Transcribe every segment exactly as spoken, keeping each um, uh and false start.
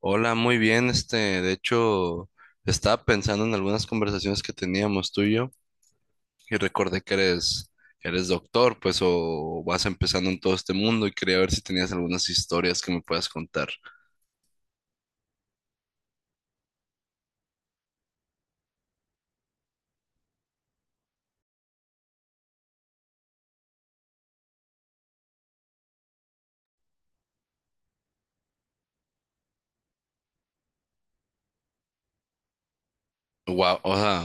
Hola, muy bien. Este, de hecho, estaba pensando en algunas conversaciones que teníamos tú y yo y recordé que eres, que eres doctor, pues, o vas empezando en todo este mundo y quería ver si tenías algunas historias que me puedas contar. Wow, o sea,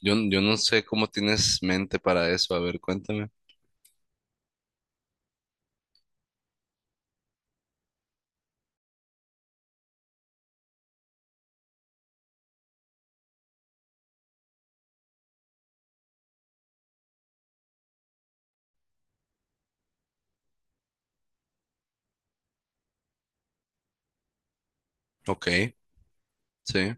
yo, yo no sé cómo tienes mente para eso. A ver, cuéntame. Ok, sí.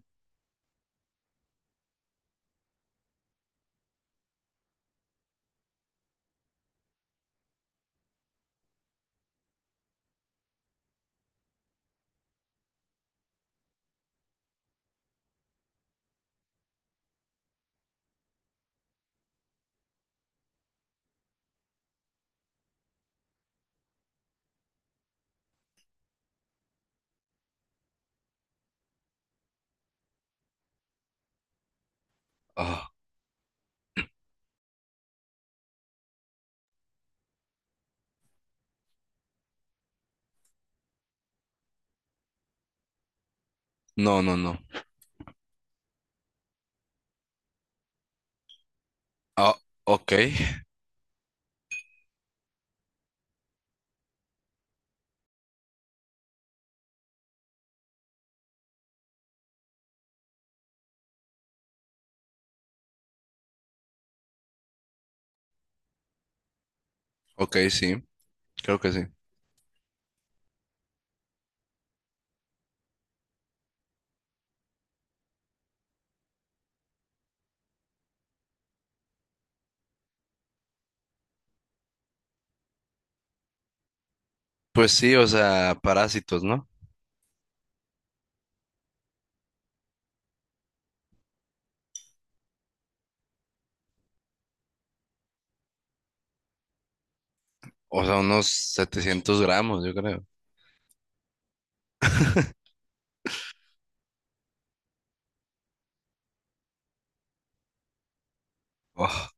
Ah, no, no, no. Ah, ok, ok, sí. Creo que sí. Pues sí, o sea, parásitos, ¿no? O sea, unos setecientos gramos, yo creo. Oh.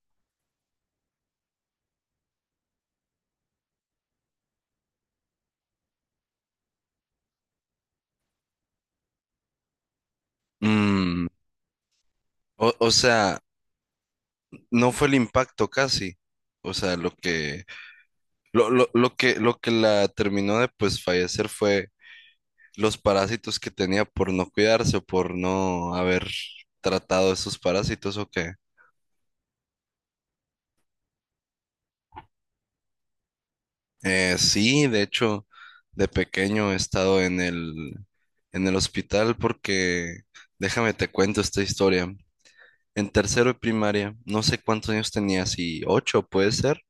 Mm, o, o sea, no fue el impacto casi. O sea, lo que, lo, lo, lo que, lo que la terminó de pues fallecer fue los parásitos que tenía por no cuidarse o por no haber tratado esos parásitos o qué. Eh, sí, de hecho, de pequeño he estado en el, en el hospital porque, déjame te cuento esta historia. En tercero de primaria, no sé cuántos años tenías, y ocho puede ser,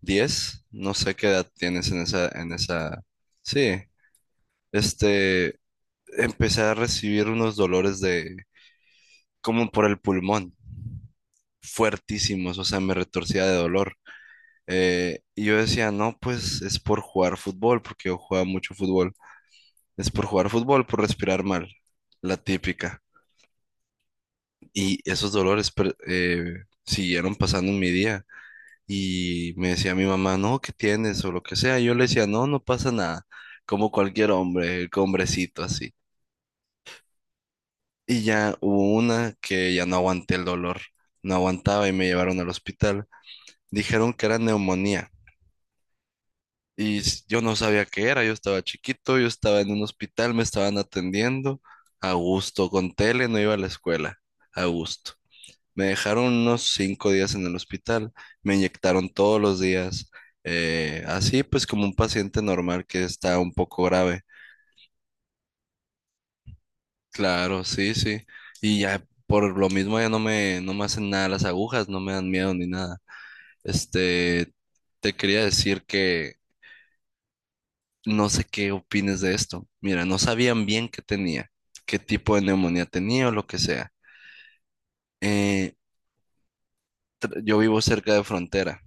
diez, no sé qué edad tienes en esa, en esa, sí, este, empecé a recibir unos dolores de, como por el pulmón, fuertísimos, o sea, me retorcía de dolor. Eh, y yo decía, no, pues es por jugar fútbol, porque yo jugaba mucho fútbol, es por jugar fútbol, por respirar mal, la típica. Y esos dolores per- eh, siguieron pasando en mi día. Y me decía mi mamá, no, ¿qué tienes? O lo que sea. Yo le decía, no, no pasa nada. Como cualquier hombre, hombrecito así. Y ya hubo una que ya no aguanté el dolor. No aguantaba y me llevaron al hospital. Dijeron que era neumonía. Y s- yo no sabía qué era. Yo estaba chiquito, yo estaba en un hospital, me estaban atendiendo. A gusto, con tele, no iba a la escuela. A gusto. Me dejaron unos cinco días en el hospital, me inyectaron todos los días, eh, así pues como un paciente normal que está un poco grave. Claro, sí, sí. Y ya por lo mismo ya no me, no me hacen nada las agujas, no me dan miedo ni nada. Este, te quería decir que no sé qué opines de esto. Mira, no sabían bien qué tenía, qué tipo de neumonía tenía o lo que sea. Eh, tr- yo vivo cerca de frontera.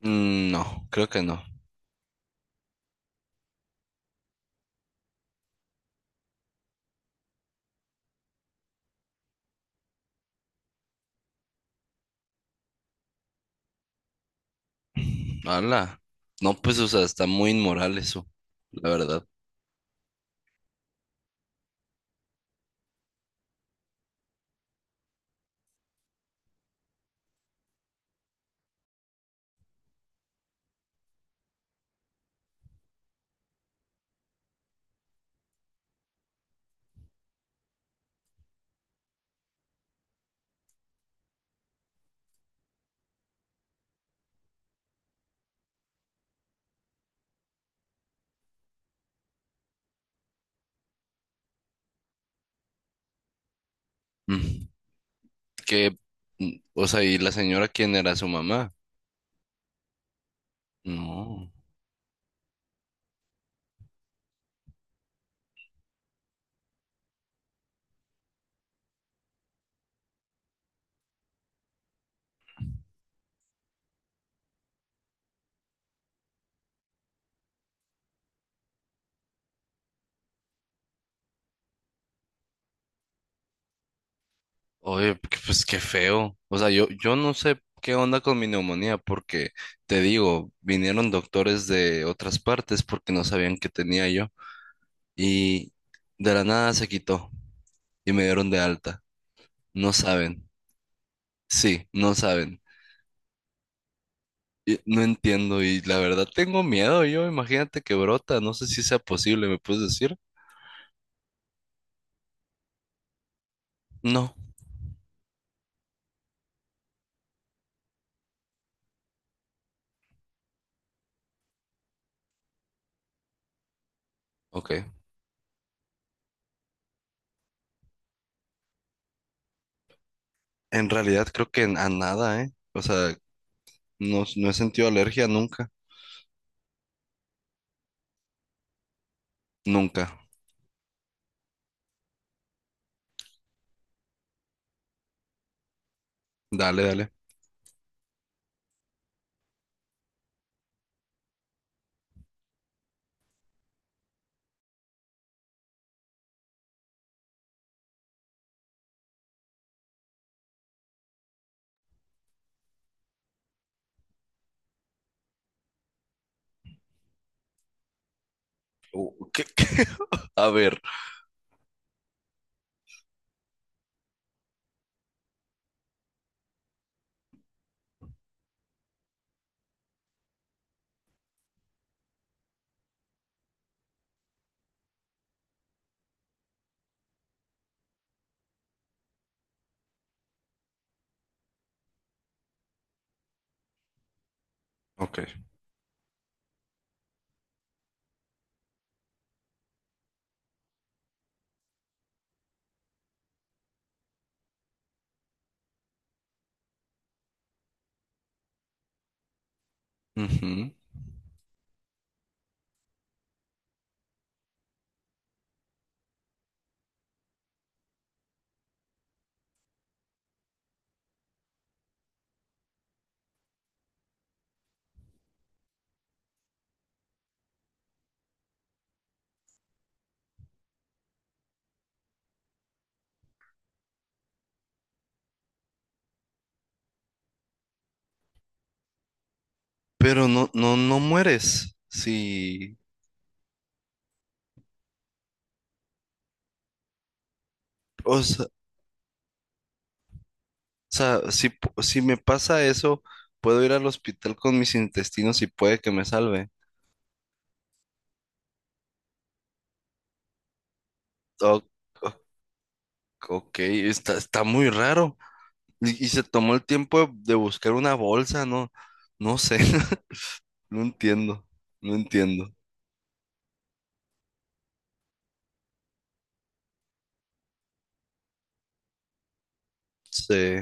Mm, no, creo que no. Ala. No, pues, o sea, está muy inmoral eso, la verdad. Mm. Que, mm, o sea, ¿y la señora quién era su mamá? No. Oye, p- pues qué feo. O sea, yo, yo no sé qué onda con mi neumonía, porque te digo, vinieron doctores de otras partes porque no sabían qué tenía yo. Y de la nada se quitó y me dieron de alta. No saben. Sí, no saben. Y no entiendo y la verdad tengo miedo yo, imagínate que brota, no sé si sea posible, ¿me puedes decir? No, ok. En realidad creo que a nada, ¿eh? O sea, no, no he sentido alergia nunca, nunca. Dale, dale. Uh, ¿qué- qué? A ver. Ok. Ujú. Pero no, no, no mueres. Si, o sea, o sea, si, pu- si me pasa eso, puedo ir al hospital con mis intestinos y puede que me salve. O- o- ok, está, está muy raro. Y, y se tomó el tiempo de buscar una bolsa, no, no sé, no entiendo, no entiendo. Sí,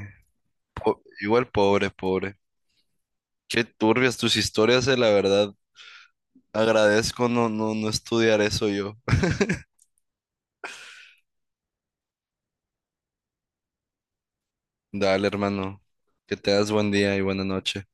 po- igual pobre, pobre. Qué turbias tus historias, eh, la verdad. Agradezco no, no, no estudiar eso yo. Dale, hermano, que te das buen día y buena noche.